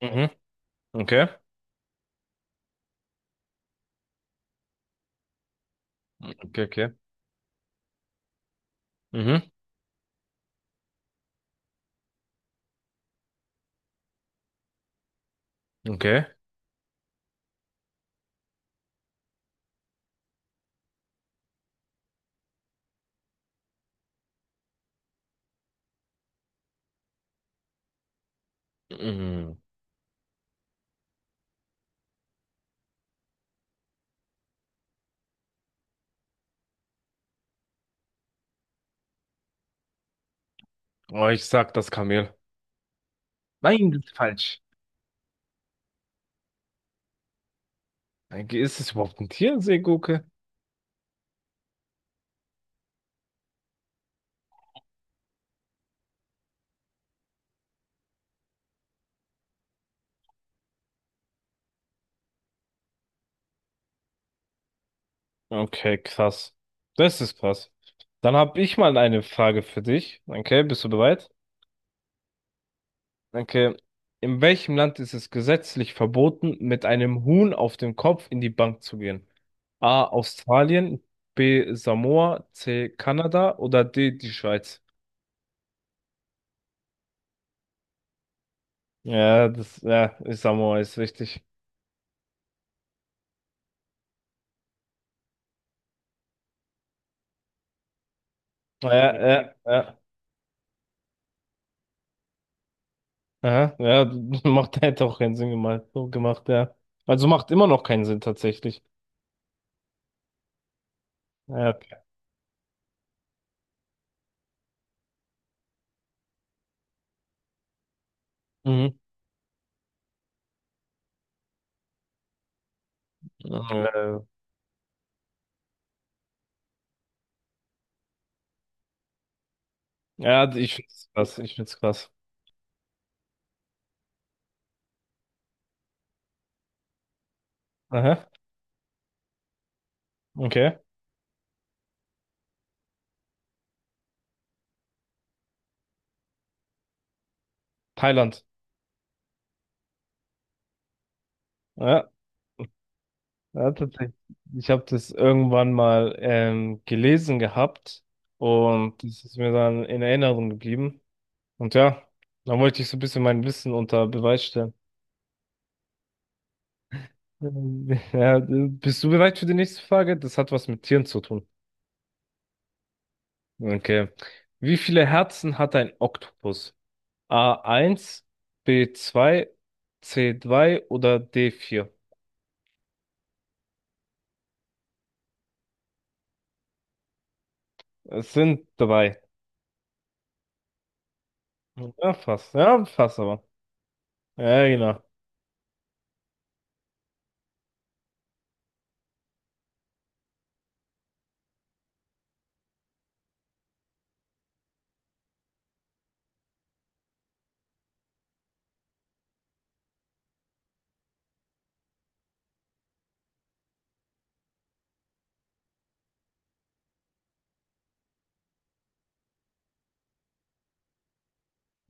Mhm. Okay. Okay, okay. Mhm. Okay. Mhm. Oh, ich sag das Kamel. Nein, das ist falsch. Ist es überhaupt ein Tier, eine Seegurke? Okay, krass. Das ist krass. Dann habe ich mal eine Frage für dich. Okay, bist du bereit? Okay. In welchem Land ist es gesetzlich verboten, mit einem Huhn auf dem Kopf in die Bank zu gehen? A. Australien, B. Samoa, C. Kanada oder D. die Schweiz? Ja, das, ja, Samoa ist richtig. Ja, ja, ja, ja, ja, macht hätte auch keinen Sinn gemacht, so gemacht, ja. Also macht immer noch keinen Sinn tatsächlich. Ja, okay. Mhm. Äh, ja, ich find's krass. Aha, okay. Thailand. Ja, ja, tatsächlich. Ich habe das irgendwann mal gelesen gehabt und das ist mir dann in Erinnerung geblieben. Und ja, dann wollte ich so ein bisschen mein Wissen unter Beweis stellen. Ja, bist du bereit für die nächste Frage? Das hat was mit Tieren zu tun. Okay. Wie viele Herzen hat ein Oktopus? A eins, B zwei, C zwei oder D vier? Es sind drei. Ja, fast. Ja, fast aber. Ja, genau.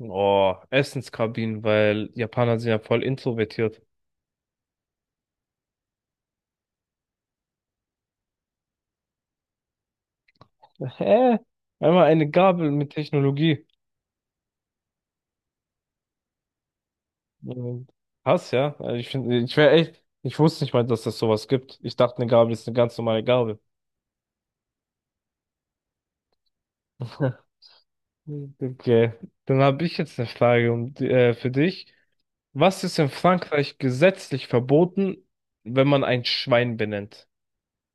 Oh, Essenskabinen, weil Japaner sind ja voll introvertiert. Hä? Einmal eine Gabel mit Technologie. Und krass, ja. Also ich wäre echt, ich wusste nicht mal, dass das sowas gibt. Ich dachte, eine Gabel ist eine ganz normale Gabel. Okay, dann habe ich jetzt eine Frage für dich. Was ist in Frankreich gesetzlich verboten, wenn man ein Schwein benennt?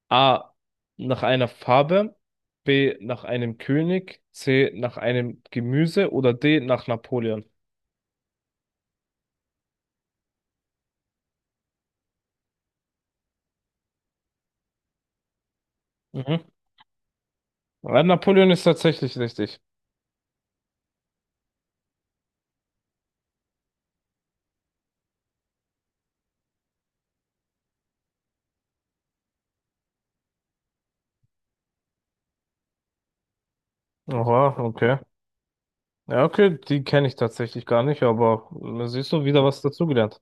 A. Nach einer Farbe, B. Nach einem König, C. Nach einem Gemüse oder D. Nach Napoleon? Mhm. Ja, Napoleon ist tatsächlich richtig. Oha, okay. Ja, okay, die kenne ich tatsächlich gar nicht, aber da siehst du wieder was dazugelernt.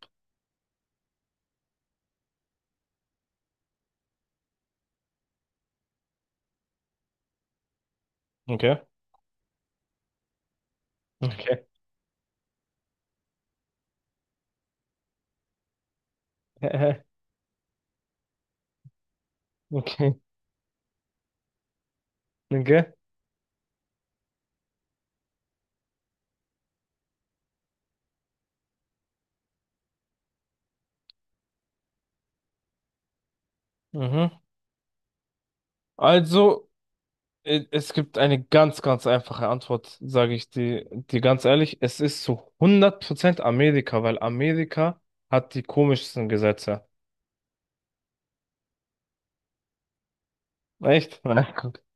Okay. Okay. Okay. Okay. Mhm. Also. Es gibt eine ganz, ganz einfache Antwort, sage ich dir ganz ehrlich. Es ist zu 100% Amerika, weil Amerika hat die komischsten Gesetze. Echt? Na, guck.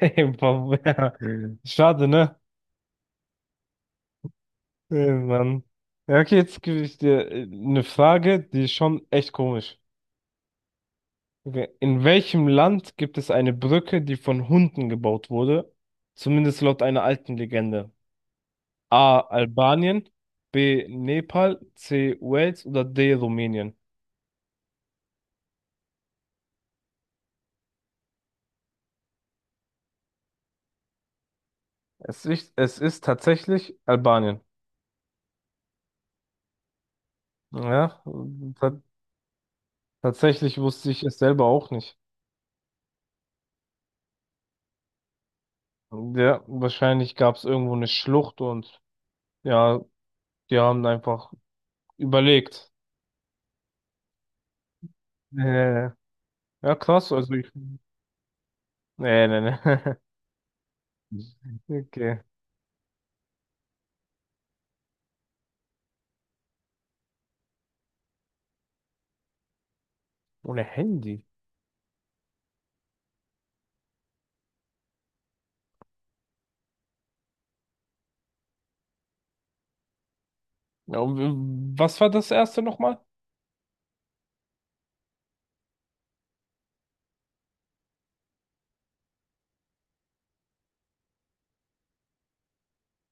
Hey, Bob, ja. Schade, ne? Hey, Mann. Ja, okay, jetzt gebe ich dir eine Frage, die ist schon echt komisch. Okay. In welchem Land gibt es eine Brücke, die von Hunden gebaut wurde? Zumindest laut einer alten Legende. A. Albanien, B. Nepal, C. Wales oder D. Rumänien? Es ist tatsächlich Albanien. Ja, ta- tatsächlich wusste ich es selber auch nicht. Ja, wahrscheinlich gab es irgendwo eine Schlucht und ja, die haben einfach überlegt. Äh, ja, krass, also ich. Nee, nee, nee. Okay. Ohne Handy. Ja, und was war das erste nochmal?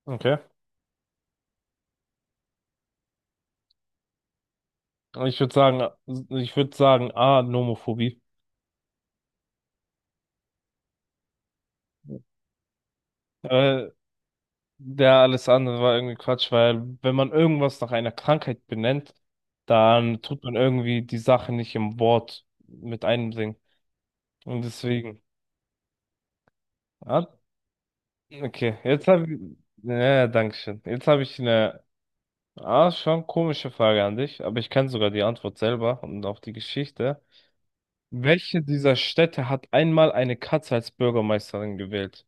Okay. Ich würde sagen, ich würde sagen, A, Nomophobie. Äh, ja, alles andere war irgendwie Quatsch, weil wenn man irgendwas nach einer Krankheit benennt, dann tut man irgendwie die Sache nicht im Wort mit einbringen. Und deswegen. Ah, okay, jetzt habe ich. Ja, ja, danke schön. Jetzt habe ich eine schon komische Frage an dich, aber ich kenne sogar die Antwort selber und auch die Geschichte. Welche dieser Städte hat einmal eine Katze als Bürgermeisterin gewählt?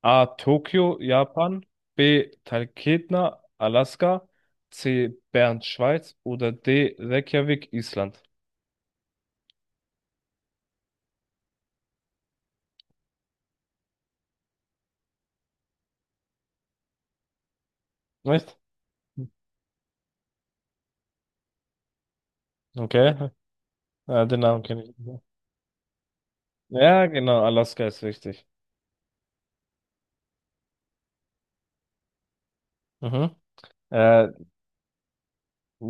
A. Tokio, Japan. B. Talkeetna, Alaska. C. Bern, Schweiz. Oder D. Reykjavik, Island. Nicht? Okay. Ja, den Namen kenne ich nicht. Ja, genau, Alaska ist richtig. Mhm. Äh,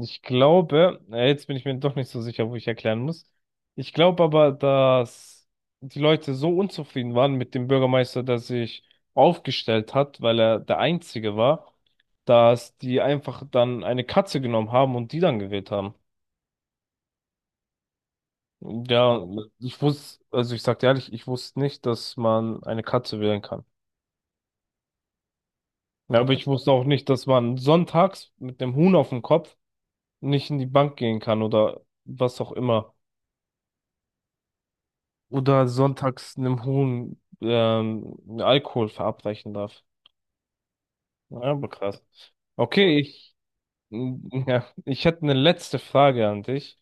Ich glaube, jetzt bin ich mir doch nicht so sicher, wo ich erklären muss. Ich glaube aber, dass die Leute so unzufrieden waren mit dem Bürgermeister, der sich aufgestellt hat, weil er der Einzige war, dass die einfach dann eine Katze genommen haben und die dann gewählt haben. Ja, ich wusste, also ich sag dir ehrlich, ich wusste nicht, dass man eine Katze wählen kann. Ja, aber ich wusste auch nicht, dass man sonntags mit dem Huhn auf dem Kopf nicht in die Bank gehen kann oder was auch immer. Oder sonntags einem Huhn Alkohol verabreichen darf. Ja, aber krass. Okay, ich, ja, ich hätte eine letzte Frage an dich.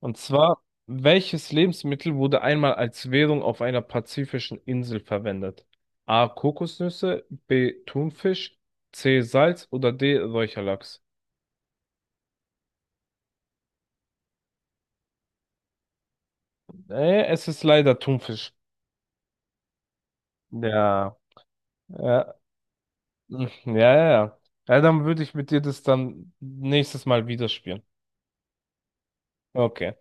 Und zwar, welches Lebensmittel wurde einmal als Währung auf einer pazifischen Insel verwendet? A. Kokosnüsse, B. Thunfisch, C. Salz oder D. Räucherlachs? Es ist leider Thunfisch. Ja, ja, ja, ja. Ja, ja, dann würde ich mit dir das dann nächstes Mal wieder spielen. Okay.